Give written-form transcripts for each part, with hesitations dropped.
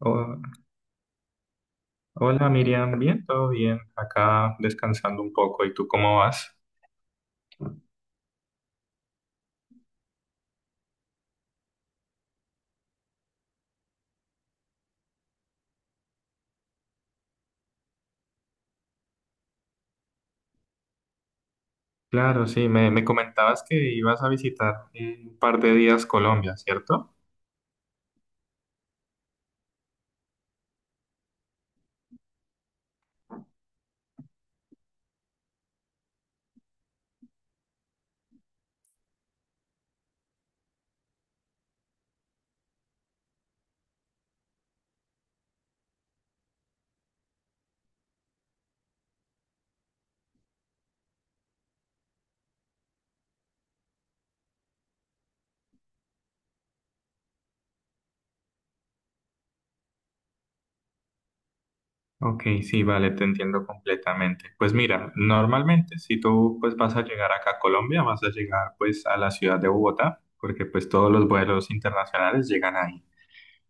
Oh, hola Miriam, bien, todo bien, acá descansando un poco. ¿Y tú cómo vas? Claro, sí, me comentabas que ibas a visitar en un par de días Colombia, ¿cierto? Ok, sí, vale, te entiendo completamente. Pues mira, normalmente si tú pues vas a llegar acá a Colombia, vas a llegar pues a la ciudad de Bogotá, porque pues todos los vuelos internacionales llegan ahí.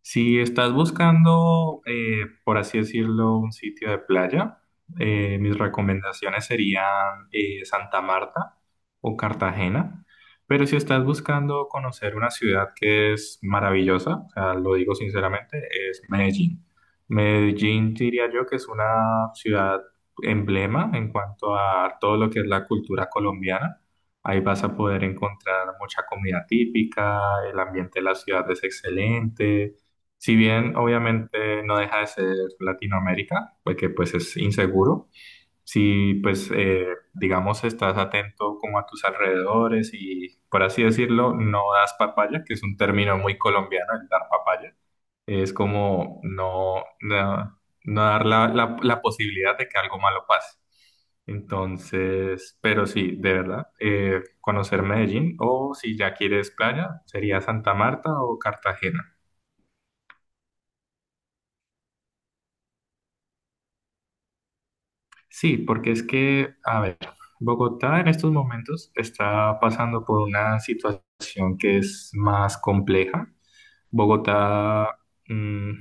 Si estás buscando, por así decirlo, un sitio de playa, mis recomendaciones serían Santa Marta o Cartagena. Pero si estás buscando conocer una ciudad que es maravillosa, o sea, lo digo sinceramente, es Medellín. Medellín diría yo que es una ciudad emblema en cuanto a todo lo que es la cultura colombiana. Ahí vas a poder encontrar mucha comida típica, el ambiente de la ciudad es excelente. Si bien obviamente no deja de ser Latinoamérica, porque pues es inseguro, si pues digamos estás atento como a tus alrededores y por así decirlo, no das papaya, que es un término muy colombiano el dar papaya, es como no, no, no dar la posibilidad de que algo malo pase. Entonces, pero sí, de verdad, conocer Medellín o si ya quieres playa, sería Santa Marta o Cartagena. Sí, porque es que, a ver, Bogotá en estos momentos está pasando por una situación que es más compleja. Bogotá, mm,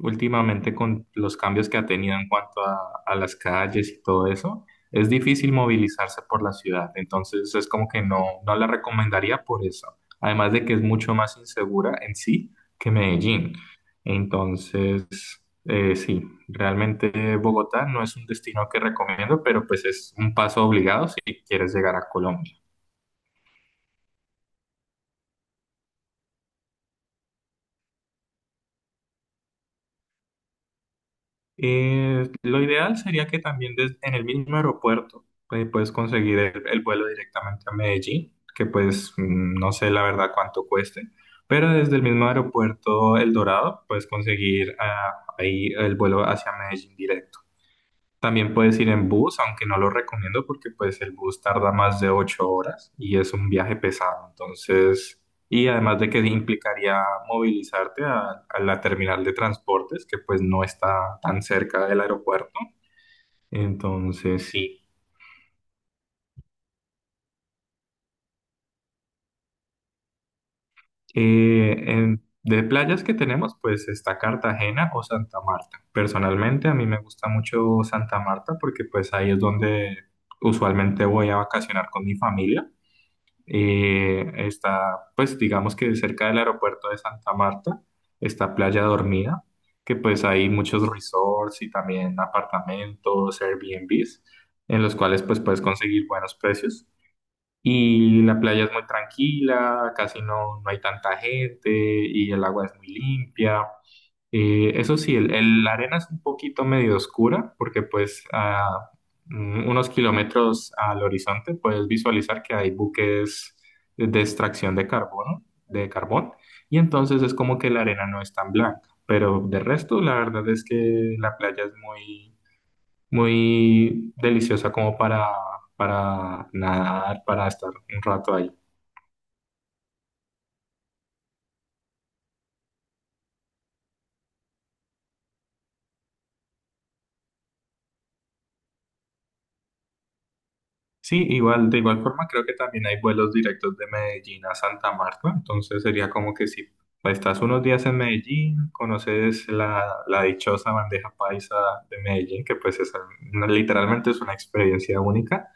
últimamente con los cambios que ha tenido en cuanto a las calles y todo eso, es difícil movilizarse por la ciudad. Entonces es como que no, no la recomendaría por eso. Además de que es mucho más insegura en sí que Medellín. Entonces, sí, realmente Bogotá no es un destino que recomiendo, pero pues es un paso obligado si quieres llegar a Colombia. Lo ideal sería que también en el mismo aeropuerto pues, puedes conseguir el vuelo directamente a Medellín, que pues no sé la verdad cuánto cueste, pero desde el mismo aeropuerto El Dorado puedes conseguir ahí el vuelo hacia Medellín directo. También puedes ir en bus, aunque no lo recomiendo porque pues el bus tarda más de 8 horas y es un viaje pesado. Entonces, y además de que implicaría movilizarte a la terminal de transportes, que pues no está tan cerca del aeropuerto. Entonces, sí. De playas que tenemos, pues está Cartagena o Santa Marta. Personalmente, a mí me gusta mucho Santa Marta porque pues ahí es donde usualmente voy a vacacionar con mi familia. Está, pues digamos que cerca del aeropuerto de Santa Marta, está Playa Dormida, que pues hay muchos resorts y también apartamentos, Airbnbs, en los cuales pues puedes conseguir buenos precios. Y la playa es muy tranquila, casi no, no hay tanta gente y el agua es muy limpia. Y eso sí, la arena es un poquito medio oscura porque pues a unos kilómetros al horizonte puedes visualizar que hay buques de extracción de carbono, de carbón, y entonces es como que la arena no es tan blanca. Pero de resto, la verdad es que la playa es muy, muy deliciosa como para nadar, para estar un rato ahí. Sí, igual, de igual forma creo que también hay vuelos directos de Medellín a Santa Marta, entonces sería como que si estás unos días en Medellín, conoces la dichosa bandeja paisa de Medellín, que pues es literalmente es una experiencia única,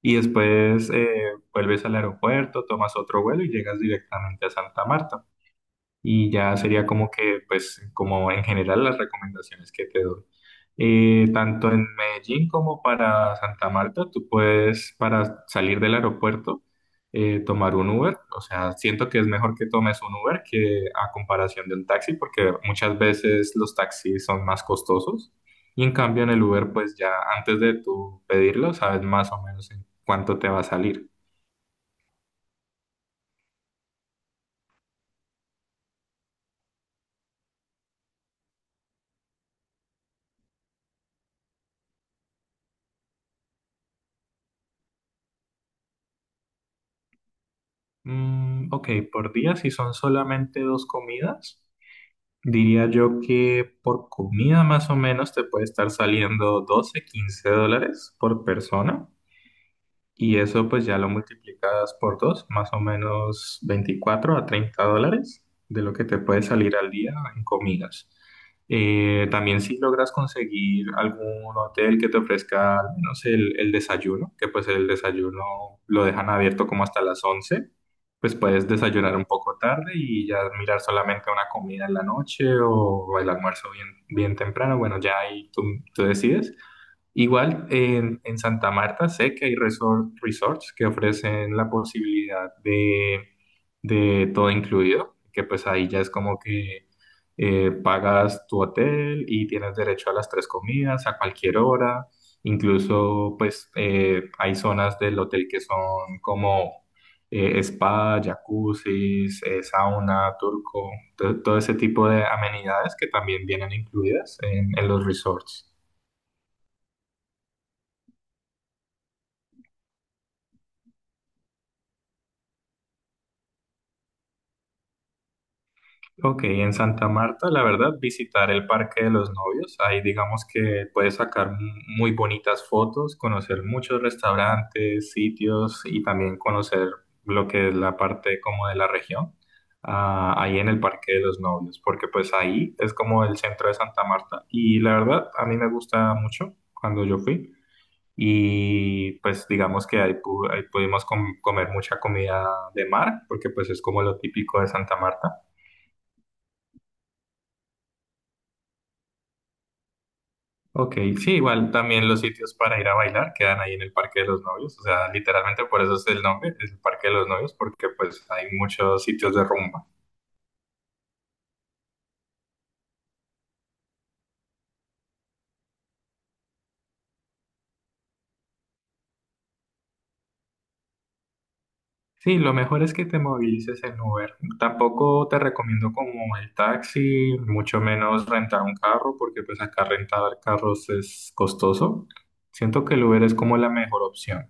y después vuelves al aeropuerto, tomas otro vuelo y llegas directamente a Santa Marta y ya sería como que, pues, como en general las recomendaciones que te doy. Tanto en Medellín como para Santa Marta, tú puedes, para salir del aeropuerto, tomar un Uber. O sea, siento que es mejor que tomes un Uber que a comparación de un taxi, porque muchas veces los taxis son más costosos. Y en cambio en el Uber, pues ya antes de tú pedirlo, sabes más o menos en cuánto te va a salir. Mm, ok, por día, si son solamente dos comidas. Diría yo que por comida más o menos te puede estar saliendo 12 a 15 dólares por persona. Y eso pues ya lo multiplicas por dos, más o menos 24 a 30 dólares de lo que te puede salir al día en comidas. También si logras conseguir algún hotel que te ofrezca al menos el desayuno, que pues el desayuno lo dejan abierto como hasta las 11, pues puedes desayunar un poco tarde y ya mirar solamente una comida en la noche o el almuerzo bien, bien temprano. Bueno, ya ahí tú decides. Igual en Santa Marta sé que hay resorts que ofrecen la posibilidad de todo incluido, que pues ahí ya es como que pagas tu hotel y tienes derecho a las tres comidas a cualquier hora, incluso pues hay zonas del hotel que son como spa, jacuzzis, sauna, turco, todo ese tipo de amenidades que también vienen incluidas en los resorts. Ok, en Santa Marta, la verdad, visitar el Parque de los Novios, ahí digamos que puedes sacar muy bonitas fotos, conocer muchos restaurantes, sitios y también conocer lo que es la parte como de la región, ahí en el Parque de los Novios, porque pues ahí es como el centro de Santa Marta y la verdad, a mí me gusta mucho cuando yo fui y pues digamos que ahí, ahí pudimos comer mucha comida de mar, porque pues es como lo típico de Santa Marta. Ok, sí, igual también los sitios para ir a bailar quedan ahí en el Parque de los Novios, o sea, literalmente por eso es el nombre, es el Parque de los Novios, porque pues hay muchos sitios de rumba. Sí, lo mejor es que te movilices en Uber. Tampoco te recomiendo como el taxi, mucho menos rentar un carro, porque pues acá rentar carros es costoso. Siento que el Uber es como la mejor opción.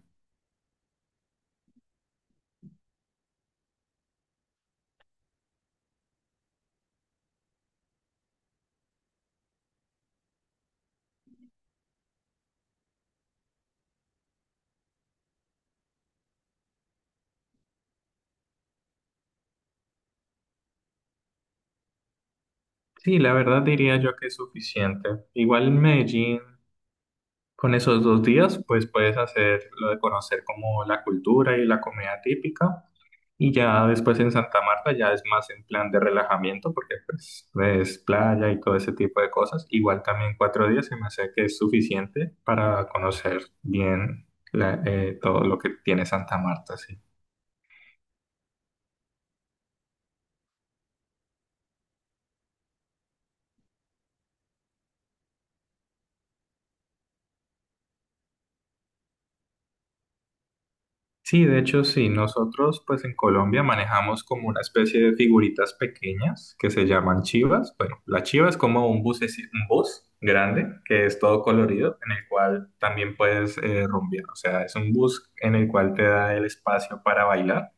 Sí, la verdad diría yo que es suficiente. Igual en Medellín. Con esos 2 días, pues puedes hacer lo de conocer como la cultura y la comida típica. Y ya después en Santa Marta ya es más en plan de relajamiento, porque pues es playa y todo ese tipo de cosas. Igual también 4 días se me hace que es suficiente para conocer bien todo lo que tiene Santa Marta, sí. Sí, de hecho, sí, nosotros pues en Colombia manejamos como una especie de figuritas pequeñas que se llaman chivas. Bueno, la chiva es como un bus grande que es todo colorido en el cual también puedes rumbear. O sea, es un bus en el cual te da el espacio para bailar.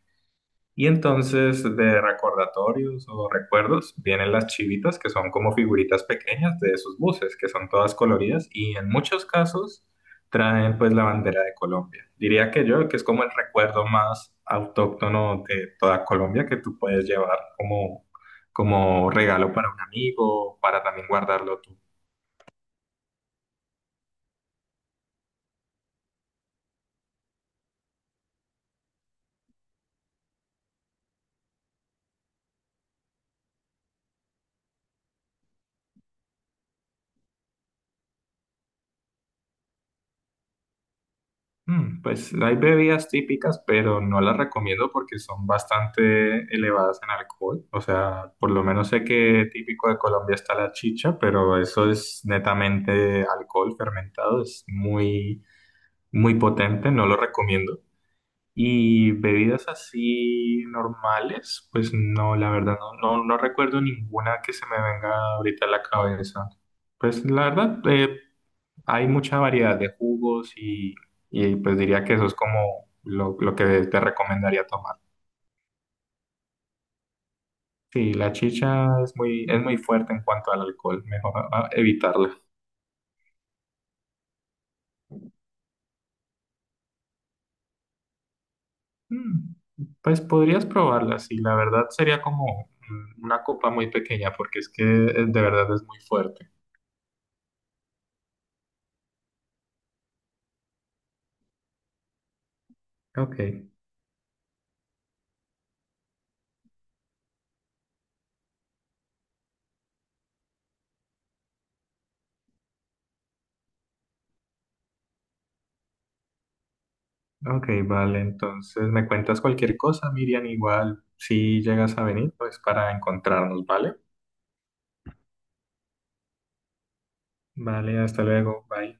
Y entonces de recordatorios o recuerdos vienen las chivitas, que son como figuritas pequeñas de esos buses, que son todas coloridas y en muchos casos traen pues la bandera de Colombia. Diría que yo, que es como el recuerdo más autóctono de toda Colombia que tú puedes llevar como, regalo para un amigo, para también guardarlo tú. Pues hay bebidas típicas, pero no las recomiendo porque son bastante elevadas en alcohol. O sea, por lo menos sé que típico de Colombia está la chicha, pero eso es netamente alcohol fermentado, es muy, muy potente, no lo recomiendo. Y bebidas así normales, pues no, la verdad, no, no, no recuerdo ninguna que se me venga ahorita a la cabeza. Pues la verdad, hay mucha variedad de jugos y, pues diría que eso es como lo que te recomendaría tomar. Sí, la chicha es muy fuerte en cuanto al alcohol, mejor evitarla. Mm, Pues podrías probarla, sí, la verdad sería como una copa muy pequeña porque es que de verdad es muy fuerte. Ok, ok, vale, entonces me cuentas cualquier cosa, Miriam, igual si llegas a venir, pues para encontrarnos, ¿vale? Vale, hasta luego, bye.